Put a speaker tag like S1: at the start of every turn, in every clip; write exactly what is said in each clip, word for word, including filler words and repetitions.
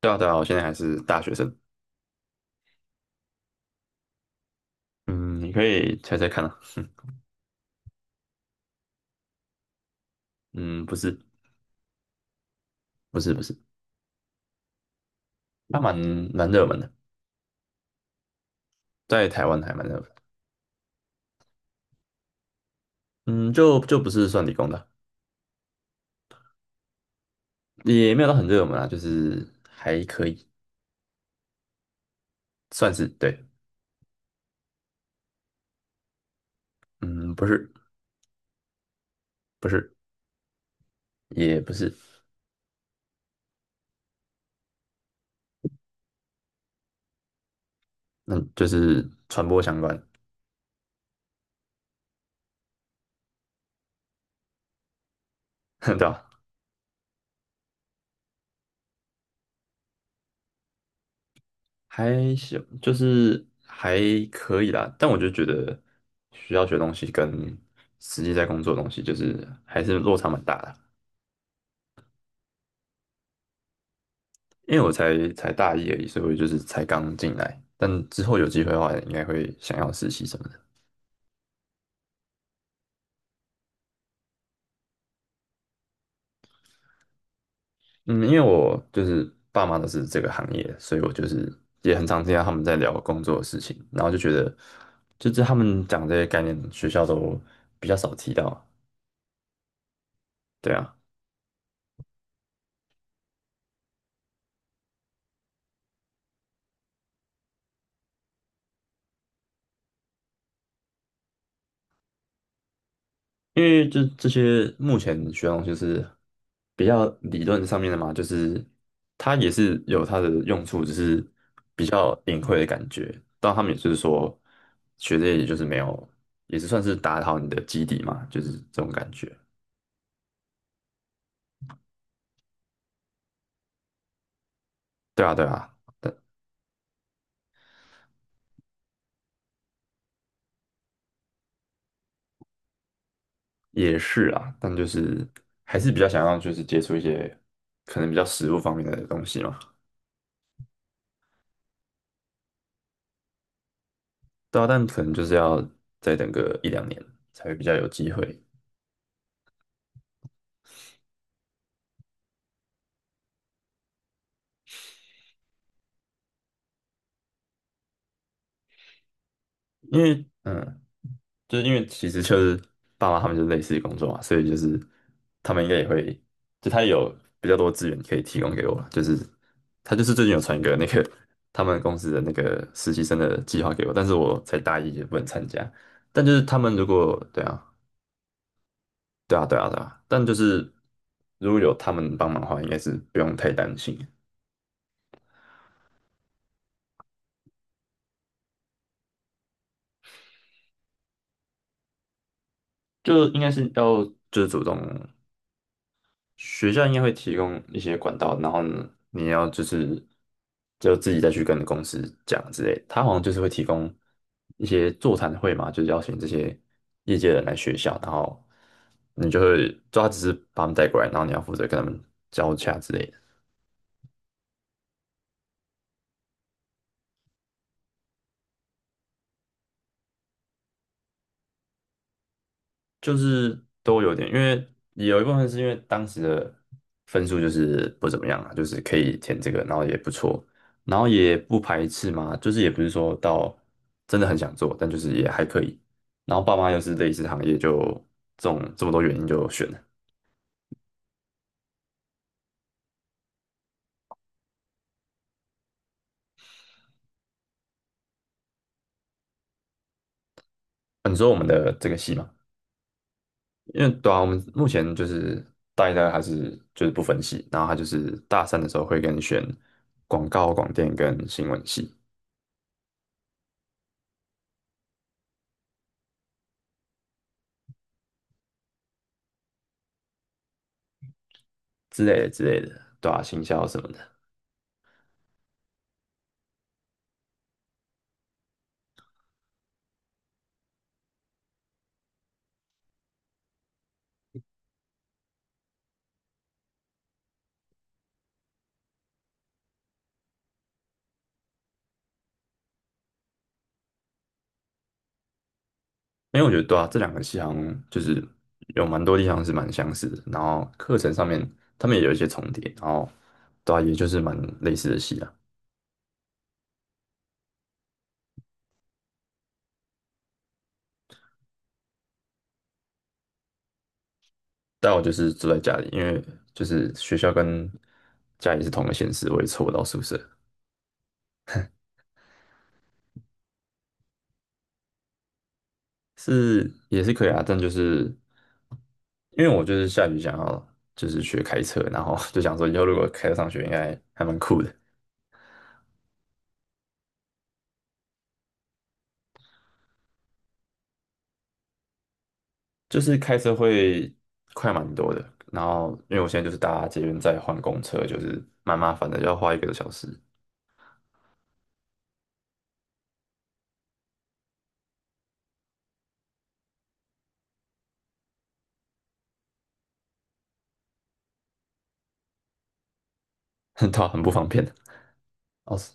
S1: 对啊，对啊，我现在还是大学生。嗯，你可以猜猜看啊。嗯，不是，不是，不是，它蛮蛮热门的，在台湾还蛮热门的。嗯，就就不是算理工的，也没有到很热门啊，就是还可以，算是对。嗯，不是，不是，也不是，嗯，就是传播相关，对吧？还行，就是还可以啦。但我就觉得需要学的东西跟实际在工作的东西，就是还是落差蛮大的。因为我才才大一而已，所以我就是才刚进来。但之后有机会的话，应该会想要实习什么的。嗯，因为我就是爸妈都是这个行业的所以我就是也很常听到他们在聊工作的事情，然后就觉得，就是他们讲这些概念，学校都比较少提到。对啊，因为这这些目前学用就是比较理论上面的嘛，就是它也是有它的用处，只是比较隐晦的感觉。然，他们也是说学这些也就是没有，也是算是打好你的基底嘛，就是这种感觉。对啊，对啊，也是啊，但就是还是比较想要就是接触一些可能比较实物方面的东西嘛。对啊，但可能就是要再等个一两年才会比较有机会，因为嗯。就是因为其实就是爸妈他们就是类似的工作嘛，所以就是他们应该也会，就他也有比较多资源可以提供给我了。就是他就是最近有传一个那个他们公司的那个实习生的计划给我，但是我才大一也不能参加。但就是他们如果对啊，对啊，对啊，对啊，但就是如果有他们帮忙的话，应该是不用太担心，就应该是要就是主动学校应该会提供一些管道，然后呢，你要就是就自己再去跟公司讲之类的。他好像就是会提供一些座谈会嘛，就是邀请这些业界人来学校，然后你就会抓他只是把他们带过来，然后你要负责跟他们交洽之类的。就是都有点，因为有一部分是因为当时的分数就是不怎么样啊，就是可以填这个，然后也不错，然后也不排斥嘛，就是也不是说到真的很想做，但就是也还可以。然后爸妈又是类似行业，就这种这么多原因就选了。啊你说我们的这个系嘛，因为对啊，我们目前就是大一、大二还是就是不分系，然后他就是大三的时候会跟你选广告、广电跟新闻系之类的之类的，对啊，行销什么的。因为我觉得对啊，这两个系好像就是有蛮多地方是蛮相似的，然后课程上面他们也有一些重叠，然后对啊，也就是蛮类似的系啊。但我就是住在家里，因为就是学校跟家里是同个县市，我也凑不到宿舍，是也是可以啊，但就是因为我就是下雨想要就是学开车，然后就想说以后如果开车上学应该还蛮酷的。就是开车会快蛮多的，然后因为我现在就是搭捷运再换公车，就是蛮麻烦的，要花一个多小时，很讨很不方便 的。哦，是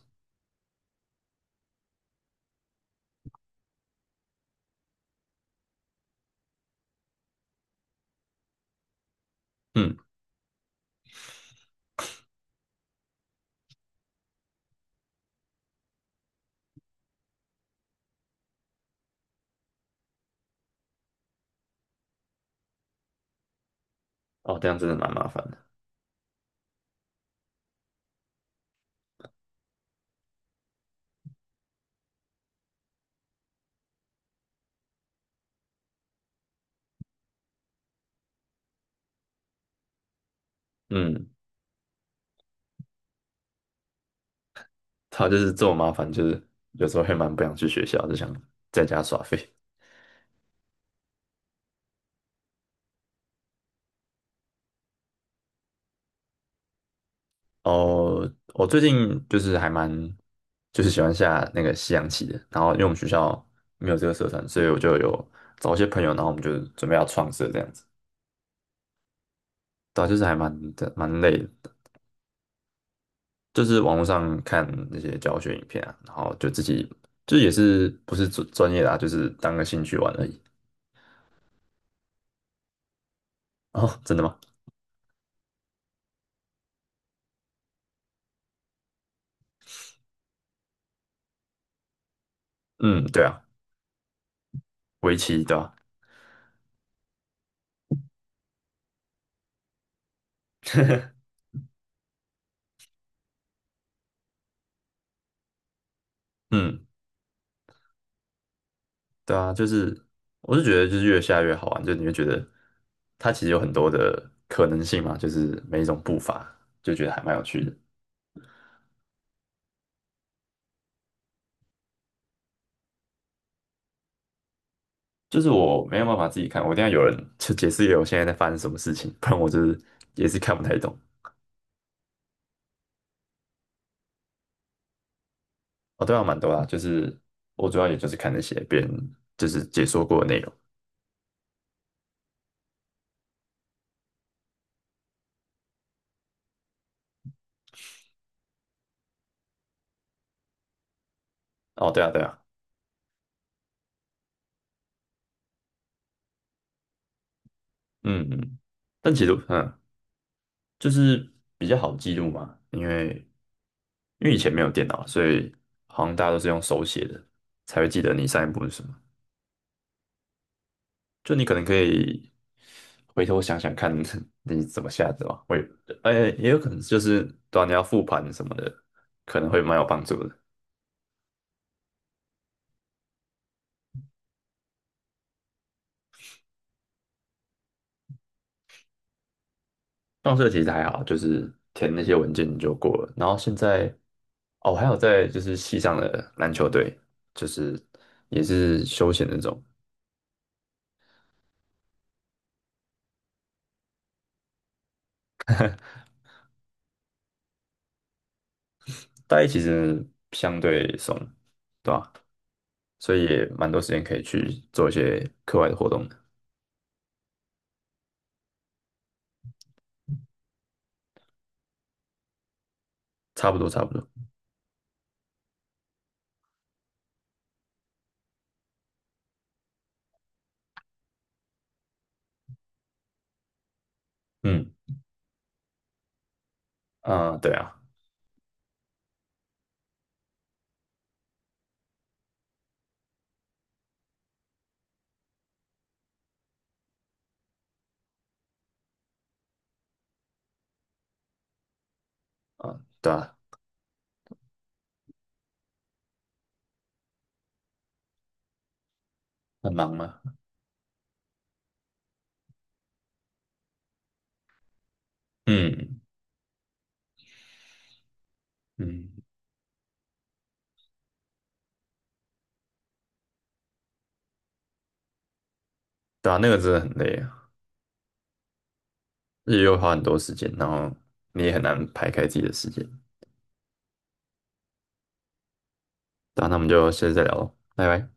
S1: 嗯，哦，这样真的蛮麻烦的。嗯，他就是这么麻烦，就是有时候会蛮不想去学校，就想在家耍废。哦，我最近就是还蛮就是喜欢下那个西洋棋的，然后因为我们学校没有这个社团，所以我就有找一些朋友，然后我们就准备要创社这样子。对啊就是还蛮的蛮累的。就是网络上看那些教学影片啊，然后就自己就也是不是专专业的啊，就是当个兴趣玩而已。哦，真的吗？嗯，对啊，围棋对吧？嗯，对啊，就是我是觉得就是越下越好玩，就你会觉得它其实有很多的可能性嘛，就是每一种步伐就觉得还蛮有趣的。就是我没有办法自己看，我一定要有人去解释给我现在在发生什么事情，不然我就是也是看不太懂。哦，对啊，蛮多啦，就是我主要也就是看那些别人就是解说过的内容。哦，对啊，对啊，嗯嗯，但其实嗯，就是比较好记录嘛，因为因为以前没有电脑，所以好像大家都是用手写的，才会记得你上一步是什么。就你可能可以回头想想看 你怎么下的吧，会，哎，也有可能就是，对啊，你要复盘什么的，可能会蛮有帮助的。上色其实还好，就是填那些文件就过了。然后现在，哦，我还有在就是系上的篮球队，就是也是休闲那种。大一其实相对松，对吧？所以也蛮多时间可以去做一些课外的活动的，差不多差不多。嗯，啊、对啊，啊、对啊，很忙吗？嗯嗯，对啊，那个真的很累啊，日又花很多时间，然后你也很难排开自己的时间。对啊，那我们就下次再聊喽，拜拜。